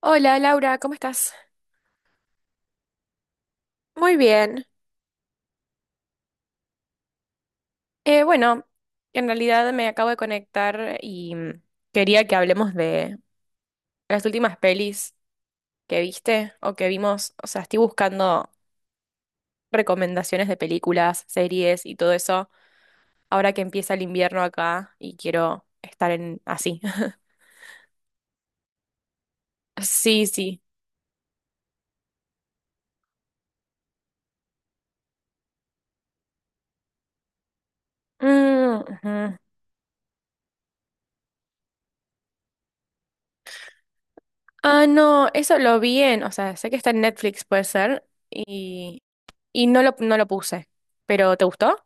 Hola Laura, ¿cómo estás? Muy bien. Eh, bueno, en realidad me acabo de conectar y quería que hablemos de las últimas pelis que viste o que vimos. O sea, estoy buscando recomendaciones de películas, series y todo eso ahora que empieza el invierno acá y quiero estar en así. Sí, sí. Mm, ujú. Ah, no, eso lo vi en, o sea, sé que está en Netflix, puede ser. Y no lo puse. ¿Pero te gustó?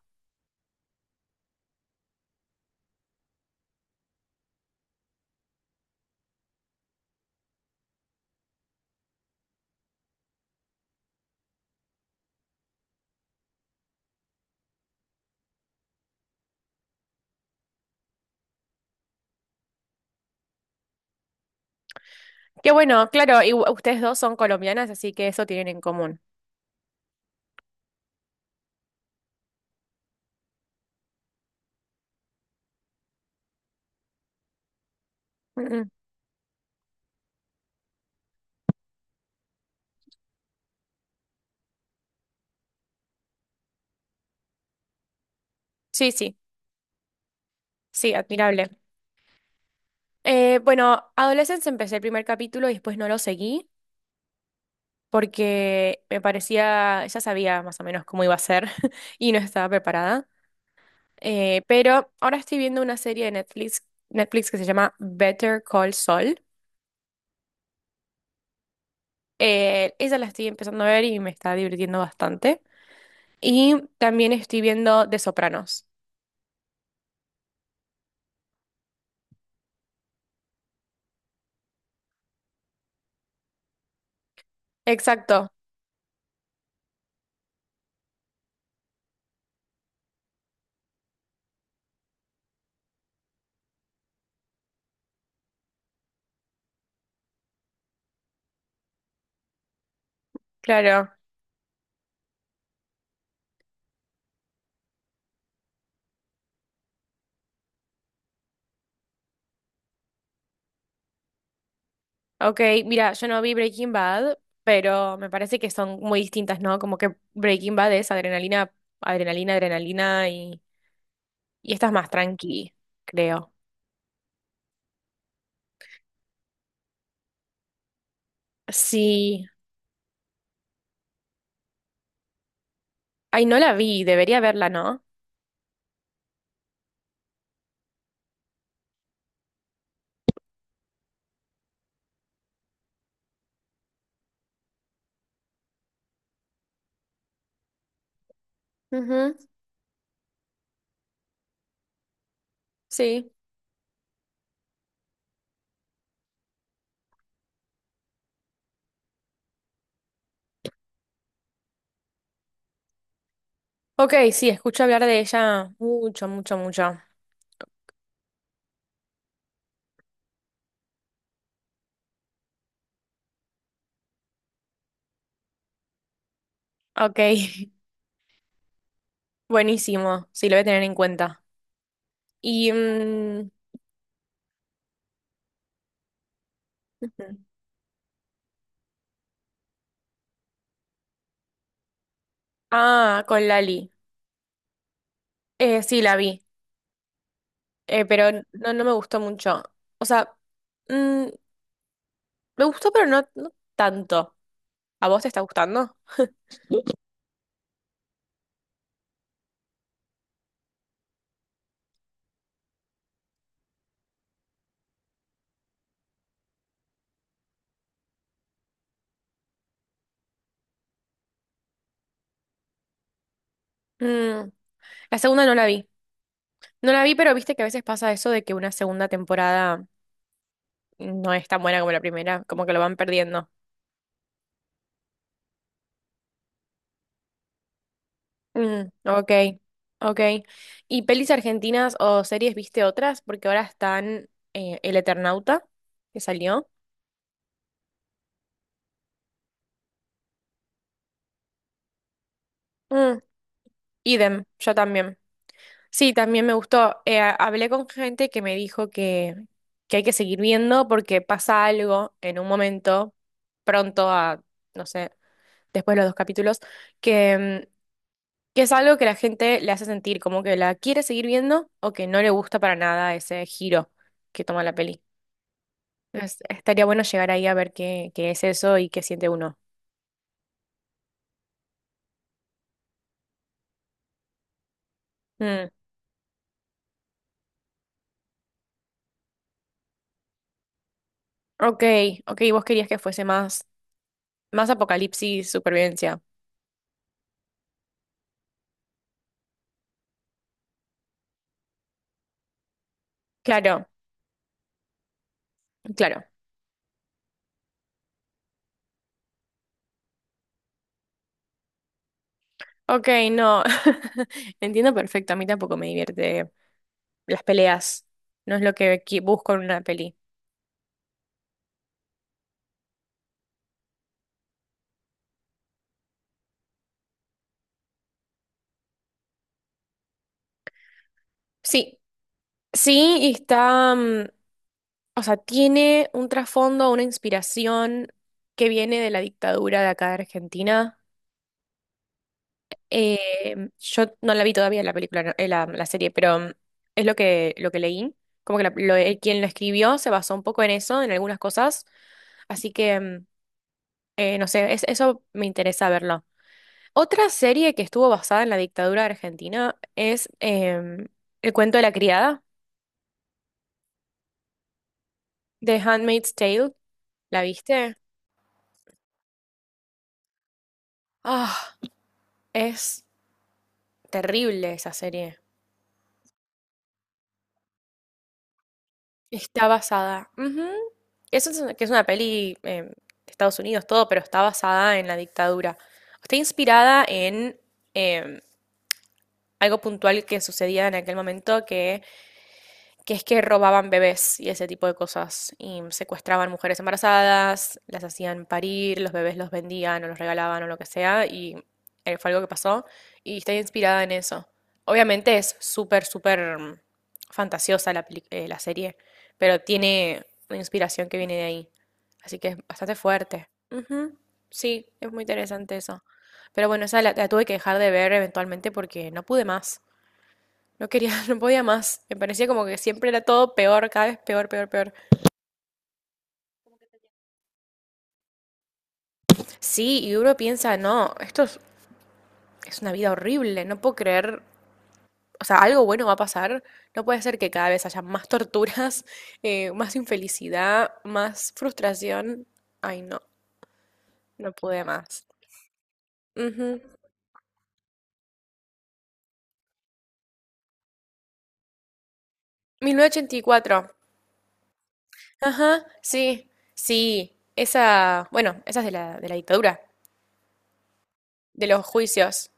Qué bueno, claro, y ustedes dos son colombianas, así que eso tienen en común. Mm, mm. Sí, sí, sí, admirable. Bueno, Adolescence empecé el primer capítulo y después no lo seguí, porque me parecía, ya sabía más o menos cómo iba a ser y no estaba preparada. Pero ahora estoy viendo una serie de Netflix que se llama Better Call Saul. Esa la estoy empezando a ver y me está divirtiendo bastante. Y también estoy viendo The Sopranos. Exacto, claro. Ok, mira, yo no vi Breaking Bad, pero me parece que son muy distintas, ¿no? Como que Breaking Bad es adrenalina, adrenalina, adrenalina y esta es más tranqui, creo. Sí. Ay, no la vi, debería verla, ¿no? Ujú, sí. Ok, sí, escucho hablar de ella mucho, mucho, mucho. Ok, buenísimo. Sí, lo voy a tener en cuenta. Y... ujú. Ah, con Lali. Sí, la vi, pero no, no me gustó mucho. O sea, mm, me gustó, pero no, no tanto. ¿A vos te está gustando? Mm, La segunda no la vi. No la vi, pero viste que a veces pasa eso de que una segunda temporada no es tan buena como la primera, como que lo van perdiendo. Mm, ok, ok. ¿Y pelis argentinas o series viste otras? Porque ahora están El Eternauta, que salió. Mm, idem, yo también. Sí, también me gustó. Hablé con gente que me dijo que hay que seguir viendo porque pasa algo en un momento pronto a, no sé, después de los dos capítulos, que, mm, que es algo que la gente le hace sentir como que la quiere seguir viendo o que no le gusta para nada ese giro que toma la peli. Estaría bueno llegar ahí a ver qué, qué es eso y qué siente uno. Mm, ok, ok, vos querías que fuese más, más apocalipsis, supervivencia. Claro, claro. Ok, no. Entiendo perfecto, a mí tampoco me divierte las peleas. No es lo que busco en una peli. Sí, sí, y está, o sea, tiene un trasfondo, una inspiración que viene de la dictadura de acá de Argentina. Yo no la vi todavía la película, no, la serie, pero es lo lo que leí. Como que la- lo- Quien lo escribió se basó un poco en eso, en algunas cosas. Así que, no sé, eso me interesa verlo. Otra serie que estuvo basada en la dictadura de Argentina es El cuento de la criada. The Handmaid's Tale, ¿la viste? Ah, es terrible esa serie. Está basada, ujú. Eso es una- que es una peli de Estados Unidos, todo, pero está basada en la dictadura. Está inspirada en em, algo puntual que sucedía en aquel momento, que es que robaban bebés y ese tipo de cosas, y secuestraban mujeres embarazadas, las hacían parir, los bebés los vendían o los regalaban o lo que sea, y fue algo que pasó, y está inspirada en eso. Obviamente es súper, súper fantasiosa la serie, pero tiene una inspiración que viene de ahí, así que es bastante fuerte. Ujú, sí, es muy interesante eso. Pero bueno, esa la tuve que dejar de ver eventualmente porque no pude más. No quería, no podía más. Me parecía como que siempre era todo peor, cada vez peor, peor, peor. Sí, y uno piensa, no, es una vida horrible, no puedo creer, o sea, algo bueno va a pasar. No puede ser que cada vez haya más torturas, más infelicidad, más frustración. Ay, no, no pude más. Ujú. 1984. Ajá, sí, sí. Esa, bueno, esa es de de la dictadura, de los juicios.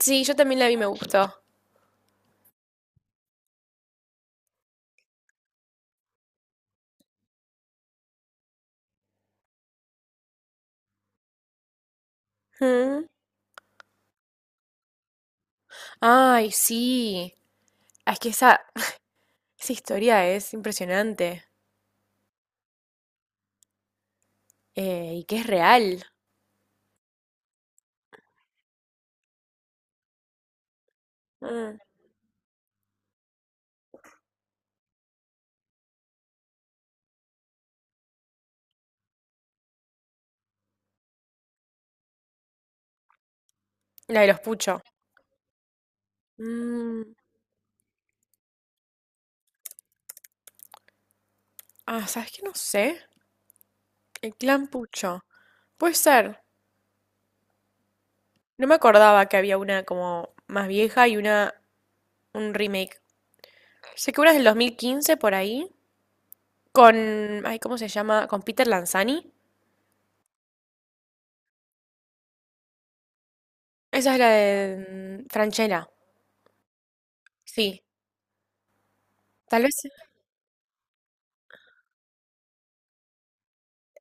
Sí, yo también la vi, me gustó. Mm. Ay, sí. Es que esa, esa historia es impresionante, y que es real. Mm, La de los Pucho. Mm, Ah, ¿sabes qué? No sé. El clan Pucho. Puede ser. No me acordaba que había una como más vieja y una un remake. Sé que una es del 2015 por ahí. Con... Ay, ¿cómo se llama? Con Peter Lanzani. Esa es la de Franchella. Sí. Tal vez.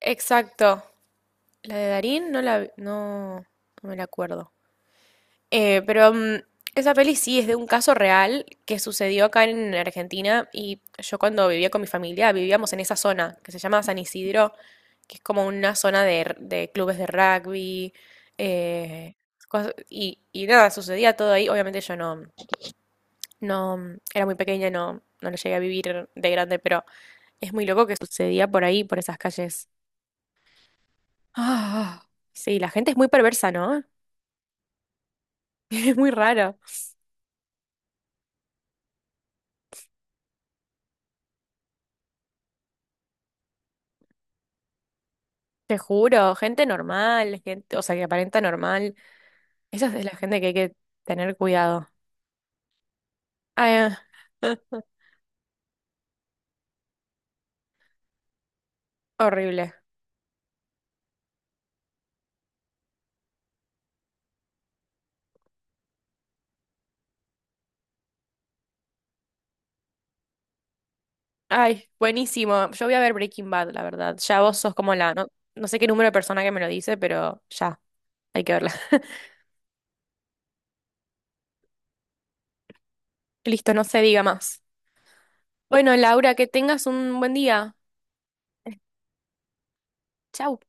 Exacto. La de Darín No, no me la acuerdo. Eh, pero mm, Esa peli sí es de un caso real que sucedió acá en Argentina y yo cuando vivía con mi familia vivíamos en esa zona que se llama San Isidro, que es como una zona de clubes de rugby, eh, y nada, sucedía todo ahí. Obviamente yo no, era muy pequeña, no lo llegué a vivir de grande, pero es muy loco que sucedía por ahí, por esas calles. Ah, sí, la gente es muy perversa, ¿no? Es muy raro. Te juro, gente normal, gente, o sea, que aparenta normal. Esa es la gente que hay que tener cuidado. Ay, ah, horrible. Ay, buenísimo. Yo voy a ver Breaking Bad, la verdad. Ya vos sos como no, no sé qué número de persona que me lo dice, pero ya, hay que verla. Listo, no se diga más. Bueno, Laura, que tengas un buen día. Chau.